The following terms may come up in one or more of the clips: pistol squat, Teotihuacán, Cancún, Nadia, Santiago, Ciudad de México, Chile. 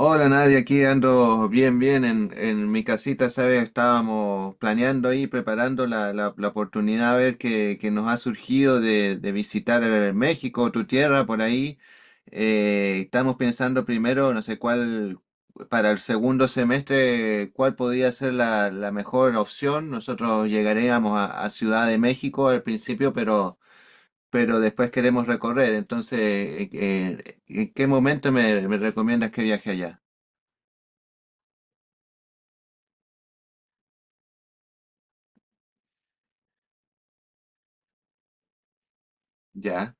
Hola Nadia, aquí ando bien, en mi casita, ¿sabes? Estábamos planeando ahí, preparando la oportunidad a ver que nos ha surgido de visitar México, tu tierra, por ahí. Estamos pensando primero, no sé cuál, para el segundo semestre, cuál podría ser la mejor opción. Nosotros llegaríamos a Ciudad de México al principio, pero después queremos recorrer. Entonces, ¿en qué momento me recomiendas que viaje allá? Ya,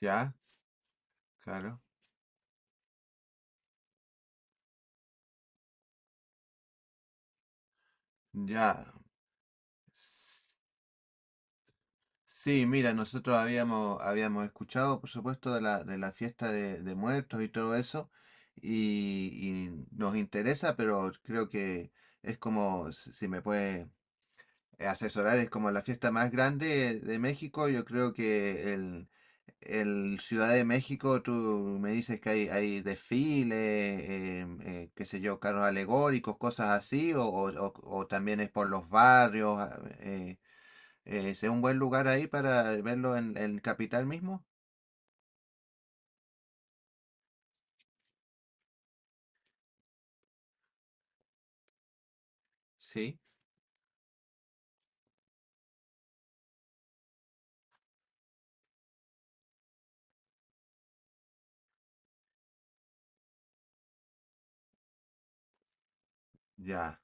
ya, claro, ya. Sí, mira, nosotros habíamos escuchado, por supuesto, de la fiesta de muertos y todo eso, y, y nos interesa, pero creo que es como, si me puede asesorar, es como la fiesta más grande de México, yo creo que El Ciudad de México, tú me dices que hay desfiles, qué sé yo, carros alegóricos, cosas así, o también es por los barrios. ¿Es un buen lugar ahí para verlo en Capital mismo? Sí, ya,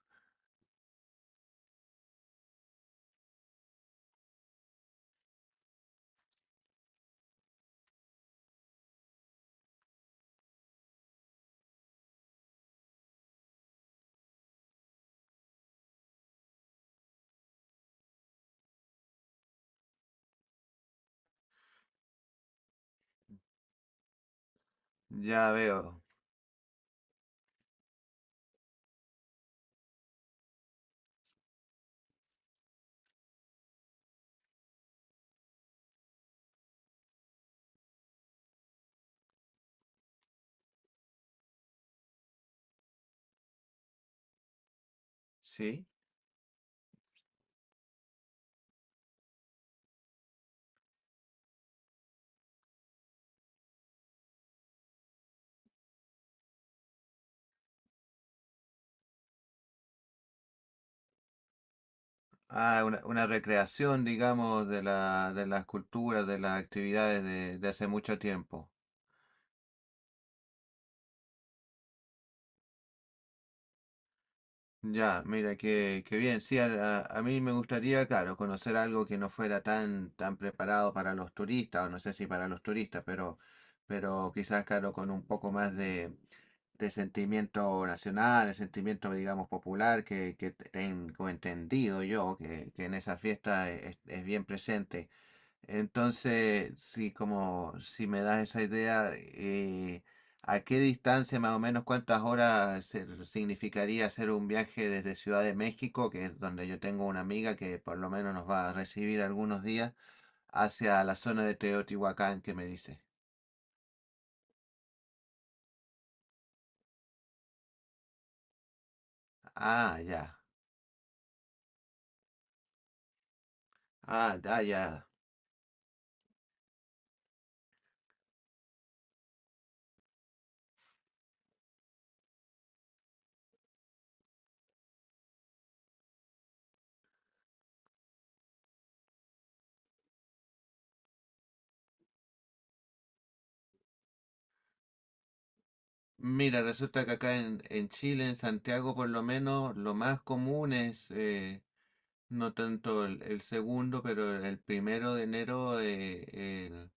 ya veo, sí. Ah, una recreación, digamos, de la, de las culturas, de las actividades de hace mucho tiempo. Ya, mira, qué, qué bien. Sí, a, a mí me gustaría, claro, conocer algo que no fuera tan, tan preparado para los turistas, o no sé si para los turistas, pero quizás, claro, con un poco más de sentimiento nacional, de sentimiento, digamos, popular, que tengo entendido yo, que en esa fiesta es bien presente. Entonces, sí, como si me das esa idea, ¿a qué distancia más o menos cuántas horas significaría hacer un viaje desde Ciudad de México, que es donde yo tengo una amiga que por lo menos nos va a recibir algunos días, hacia la zona de Teotihuacán que me dice? Ah, ya, ah, ya, ya. Mira, resulta que acá en Chile, en Santiago por lo menos, lo más común es... no tanto el segundo, pero el primero de enero el-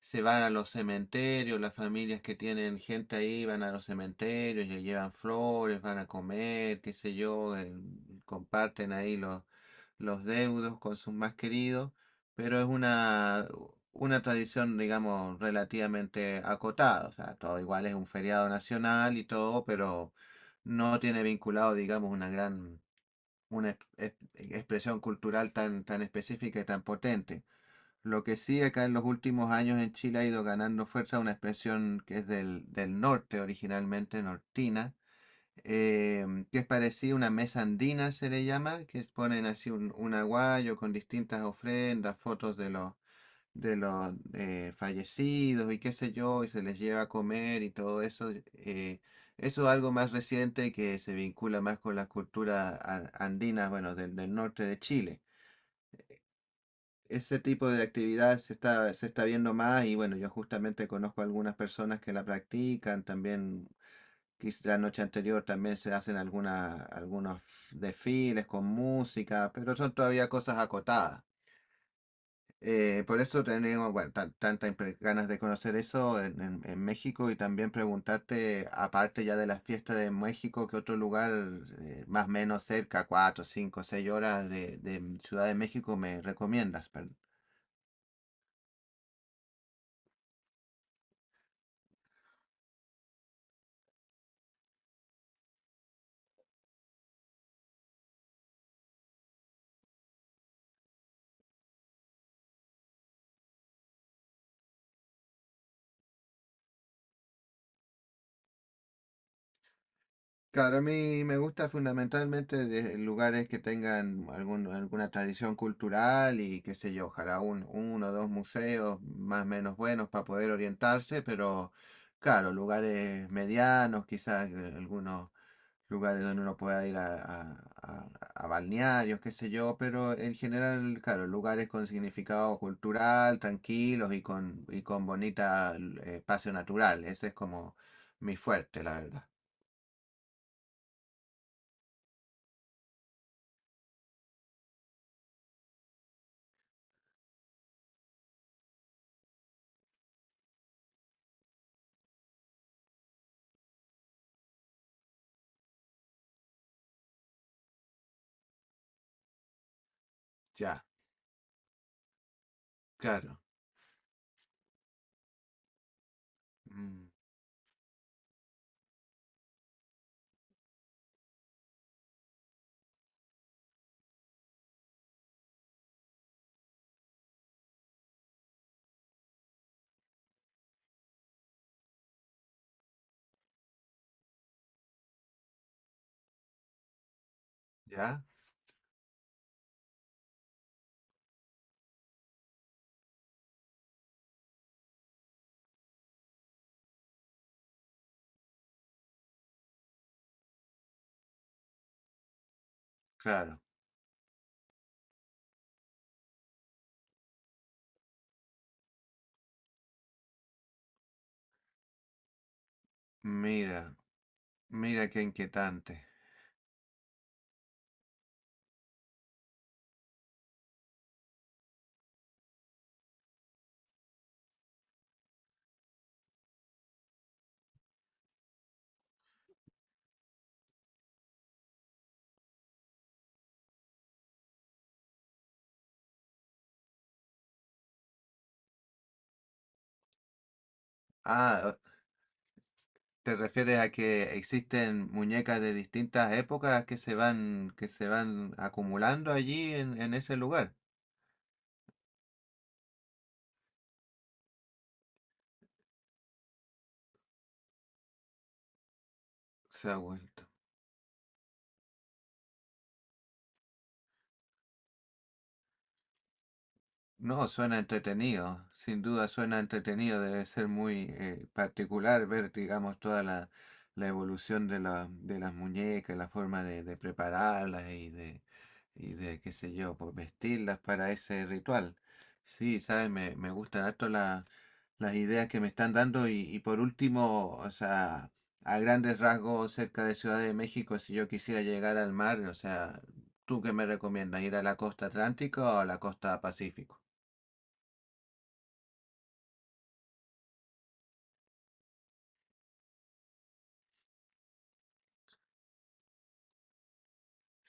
se van a los cementerios, las familias que tienen gente ahí van a los cementerios, le llevan flores, van a comer, qué sé yo, comparten ahí los deudos con sus más queridos, pero es una tradición, digamos, relativamente acotada, o sea, todo igual es un feriado nacional y todo, pero no tiene vinculado, digamos, una gran una expresión cultural tan, tan específica y tan potente. Lo que sí acá en los últimos años en Chile ha ido ganando fuerza una expresión que es del, del norte originalmente, nortina, que es parecida a una mesa andina, se le llama, ponen así un aguayo con distintas ofrendas, fotos de los fallecidos y qué sé yo, y se les lleva a comer y todo eso, eso es algo más reciente que se vincula más con las culturas andinas, bueno, del, del norte de Chile. Ese tipo de actividad se está viendo más y bueno, yo justamente conozco algunas personas que la practican, también quizá la noche anterior también se hacen alguna, algunos desfiles con música, pero son todavía cosas acotadas. Por eso tenemos, bueno, tantas ganas de conocer eso en, en México y también preguntarte, aparte ya de las fiestas de México, ¿qué otro lugar más o menos cerca, cuatro, cinco, seis horas de Ciudad de México me recomiendas? Perdón. Claro, a mí me gusta fundamentalmente de lugares que tengan algún, alguna tradición cultural y qué sé yo, ojalá un, uno o dos museos más o menos buenos para poder orientarse, pero... Claro, lugares medianos, quizás algunos lugares donde uno pueda ir a, a balnearios, qué sé yo, pero en general, claro, lugares con significado cultural, tranquilos y con bonita espacio natural. Ese es como mi fuerte, la verdad. Ya, claro. Mm, ya, claro. Mira, mira qué inquietante. Ah, ¿te refieres a que existen muñecas de distintas épocas que se van acumulando allí en ese lugar? Se ha vuelto. No, suena entretenido, sin duda suena entretenido, debe ser muy particular ver, digamos, toda la, la evolución de, la, de las muñecas, la forma de prepararlas y de, qué sé yo, pues vestirlas para ese ritual. Sí, sabes, me gustan harto las ideas que me están dando y por último, o sea, a grandes rasgos cerca de Ciudad de México, si yo quisiera llegar al mar, o sea, ¿tú qué me recomiendas? ¿Ir a la costa atlántica o a la costa pacífico?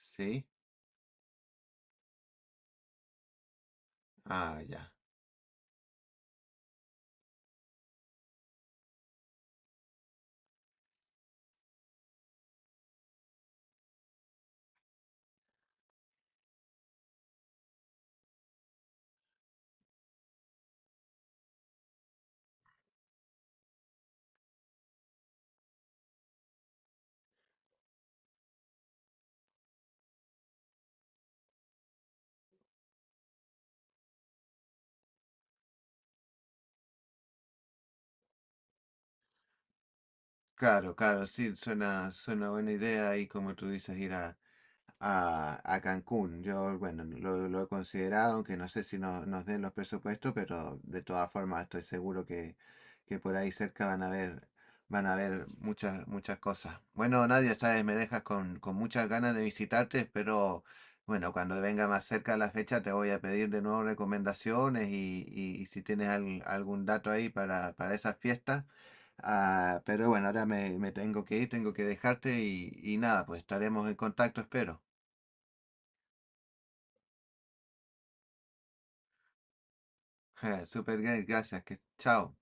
Sí, ah, ya. Claro, claro, sí, suena, suena buena idea y como tú dices, ir a Cancún. Yo, bueno, lo he considerado, aunque no sé si nos den los presupuestos, pero de todas formas estoy seguro que por ahí cerca van a ver muchas, muchas cosas. Bueno, Nadia, sabes, me dejas con muchas ganas de visitarte, pero bueno, cuando venga más cerca la fecha te voy a pedir de nuevo recomendaciones y si tienes algún dato ahí para esas fiestas. Ah, pero bueno, ahora me, me tengo que ir, tengo que dejarte y nada, pues estaremos en contacto, espero. Super, gracias, que chao.